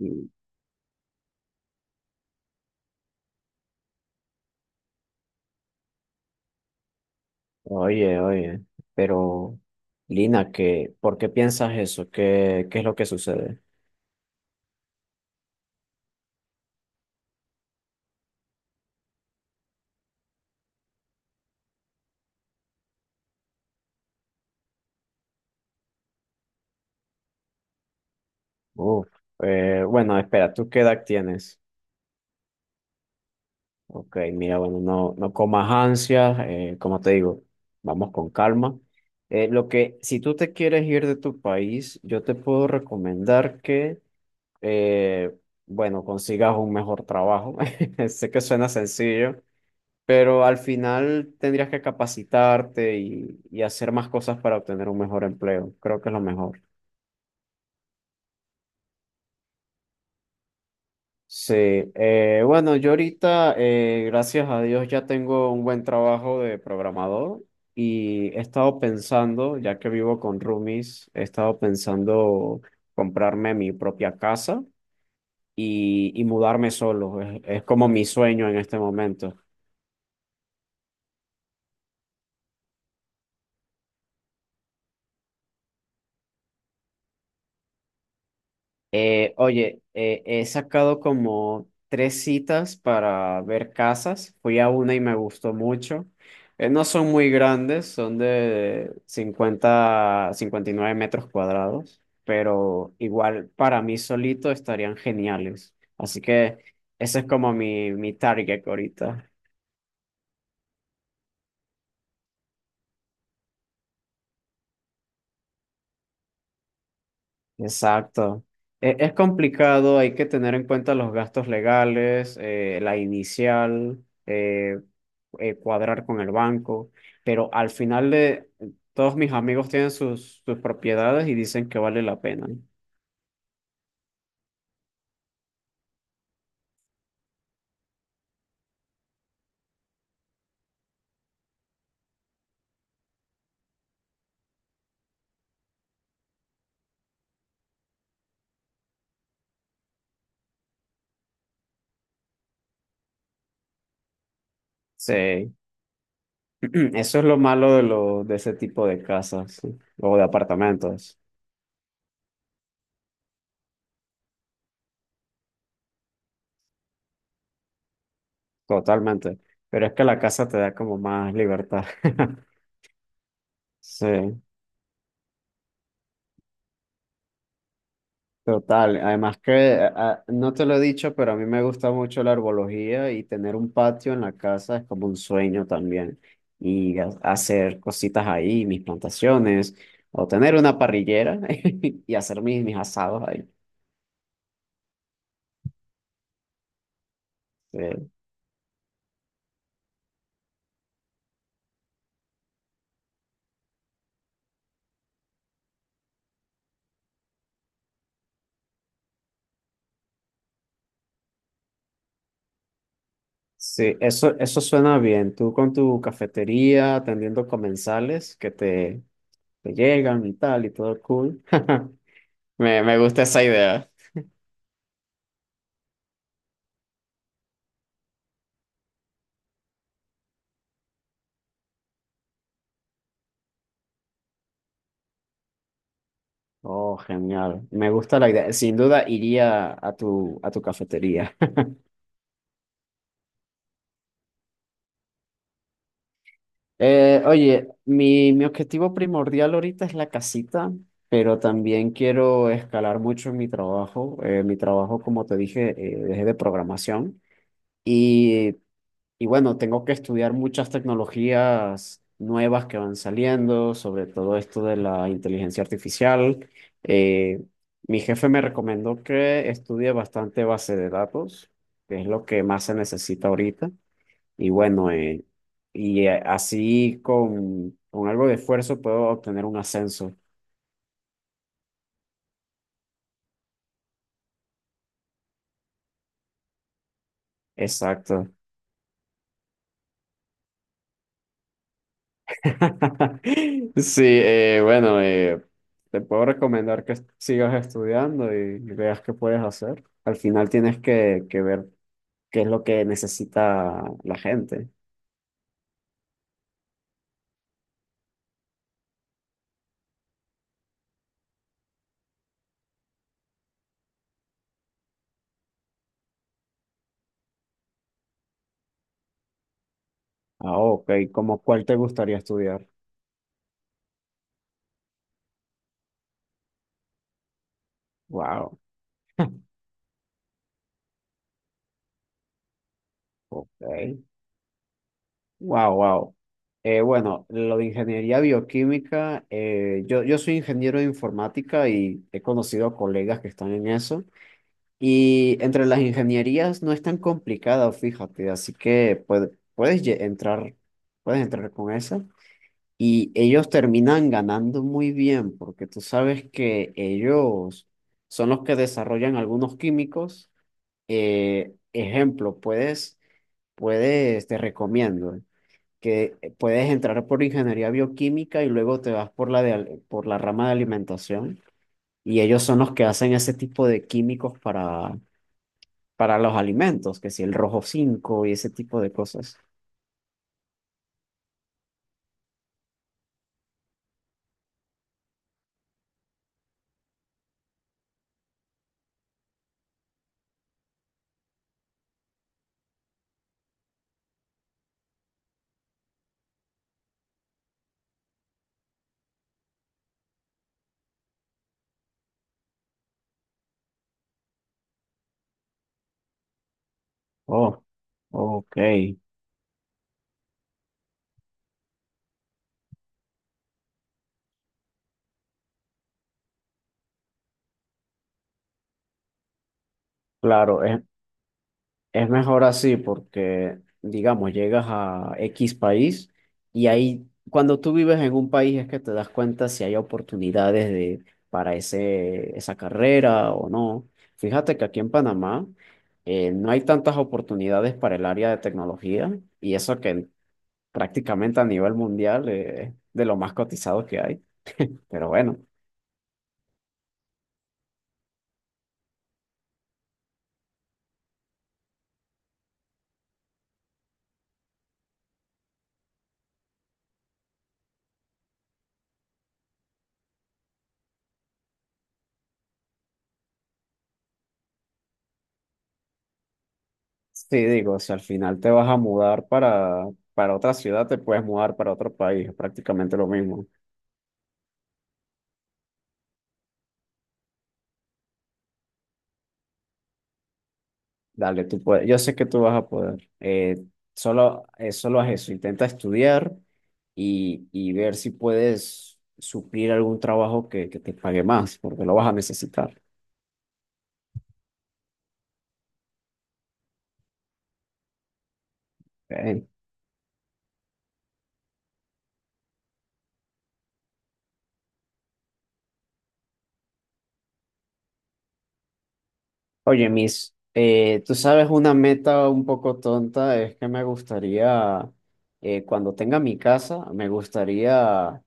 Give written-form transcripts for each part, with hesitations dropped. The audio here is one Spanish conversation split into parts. Mm, Oye, oye, pero Lina, ¿Por qué piensas eso? ¿Qué es lo que sucede? Uf, bueno, espera, ¿tú qué edad tienes? Ok, mira, bueno, no, no comas ansias, como te digo, vamos con calma. Si tú te quieres ir de tu país, yo te puedo recomendar que, eh, bueno, consigas un mejor trabajo. Sé que suena sencillo. Pero al final tendrías que capacitarte y hacer más cosas para obtener un mejor empleo. Creo que es lo mejor. Sí, bueno, yo ahorita, gracias a Dios, ya tengo un buen trabajo de programador. Y he estado pensando, ya que vivo con roomies, he estado pensando comprarme mi propia casa y mudarme solo. Es como mi sueño en este momento. Oye, he sacado como tres citas para ver casas. Fui a una y me gustó mucho. No son muy grandes, son de 59 metros cuadrados, pero igual para mí solito estarían geniales. Así que ese es como mi target ahorita. Exacto. Es complicado, hay que tener en cuenta los gastos legales, la inicial, cuadrar con el banco, pero al final de todos mis amigos tienen sus propiedades y dicen que vale la pena. Sí. Eso es lo malo de ese tipo de casas, sí, o de apartamentos. Totalmente. Pero es que la casa te da como más libertad. Sí. Total, además que no te lo he dicho, pero a mí me gusta mucho la herbología y tener un patio en la casa es como un sueño también. Y hacer cositas ahí, mis plantaciones, o tener una parrillera y hacer mis asados ahí. Eh, Sí, eso suena bien. Tú con tu cafetería, atendiendo comensales que te llegan y tal, y todo cool. Me gusta esa idea. Oh, genial. Me gusta la idea. Sin duda iría a tu cafetería. Oye, mi objetivo primordial ahorita es la casita, pero también quiero escalar mucho en mi trabajo. Mi trabajo, como te dije, es de programación. Y Y bueno, tengo que estudiar muchas tecnologías nuevas que van saliendo, sobre todo esto de la inteligencia artificial. Eh, Mi jefe me recomendó que estudie bastante base de datos, que es lo que más se necesita ahorita. Y bueno, así con algo de esfuerzo puedo obtener un ascenso. Exacto. Sí, bueno, te puedo recomendar que sigas estudiando y veas qué puedes hacer. Al final tienes que ver qué es lo que necesita la gente. Ah, ok, ¿cómo cuál te gustaría estudiar? Wow, ok, wow, wow. Bueno, lo de ingeniería bioquímica, yo soy ingeniero de informática y he conocido colegas que están en eso. Y entre las ingenierías no es tan complicado, fíjate, así que puedes entrar con esa. Y ellos terminan ganando muy bien, porque tú sabes que ellos son los que desarrollan algunos químicos. Ejemplo, te recomiendo que puedes entrar por ingeniería bioquímica y luego te vas por la rama de alimentación. Y ellos son los que hacen ese tipo de químicos para los alimentos, que si el rojo 5 y ese tipo de cosas. Oh, ok, claro, es mejor así porque, digamos, llegas a X país y ahí, cuando tú vives en un país es que te das cuenta si hay oportunidades para esa carrera o no. Fíjate que aquí en Panamá, no hay tantas oportunidades para el área de tecnología, y eso que prácticamente a nivel mundial, es de lo más cotizado que hay, pero bueno. Sí, digo, si al final te vas a mudar para otra ciudad, te puedes mudar para otro país, es prácticamente lo mismo. Dale, tú puedes, yo sé que tú vas a poder. Solo haz eso, intenta estudiar y ver si puedes suplir algún trabajo que te pague más, porque lo vas a necesitar. ¿Ok? Oye, Miss, tú sabes, una meta un poco tonta es que me gustaría, cuando tenga mi casa, me gustaría,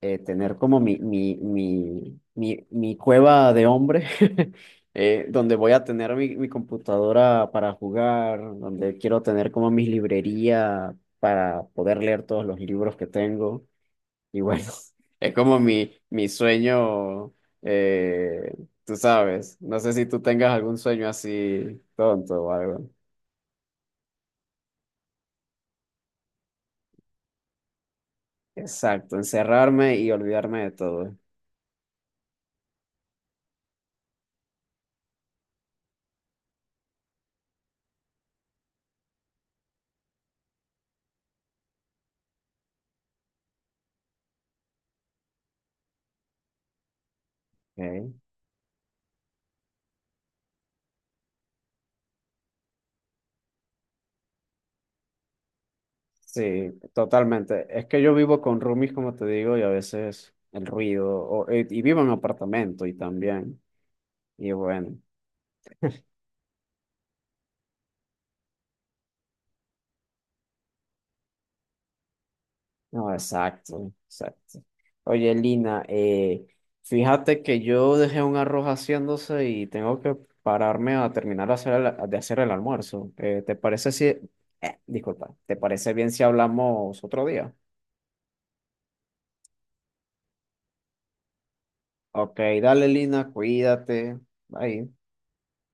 tener como mi cueva de hombre. Donde voy a tener mi computadora para jugar, donde quiero tener como mi librería para poder leer todos los libros que tengo. Y bueno, es como mi sueño, eh, tú sabes. No sé si tú tengas algún sueño así tonto o algo. Exacto, encerrarme y olvidarme de todo. Ok. Sí, totalmente. Es que yo vivo con roomies, como te digo, y a veces el ruido, y vivo en apartamento y también, y bueno. No, exacto, exacto. Oye, Lina, fíjate que yo dejé un arroz haciéndose y tengo que pararme a terminar de hacer el almuerzo. ¿Te parece si... Disculpa, ¿te parece bien si hablamos otro día? Ok, dale, Lina, cuídate. Bye.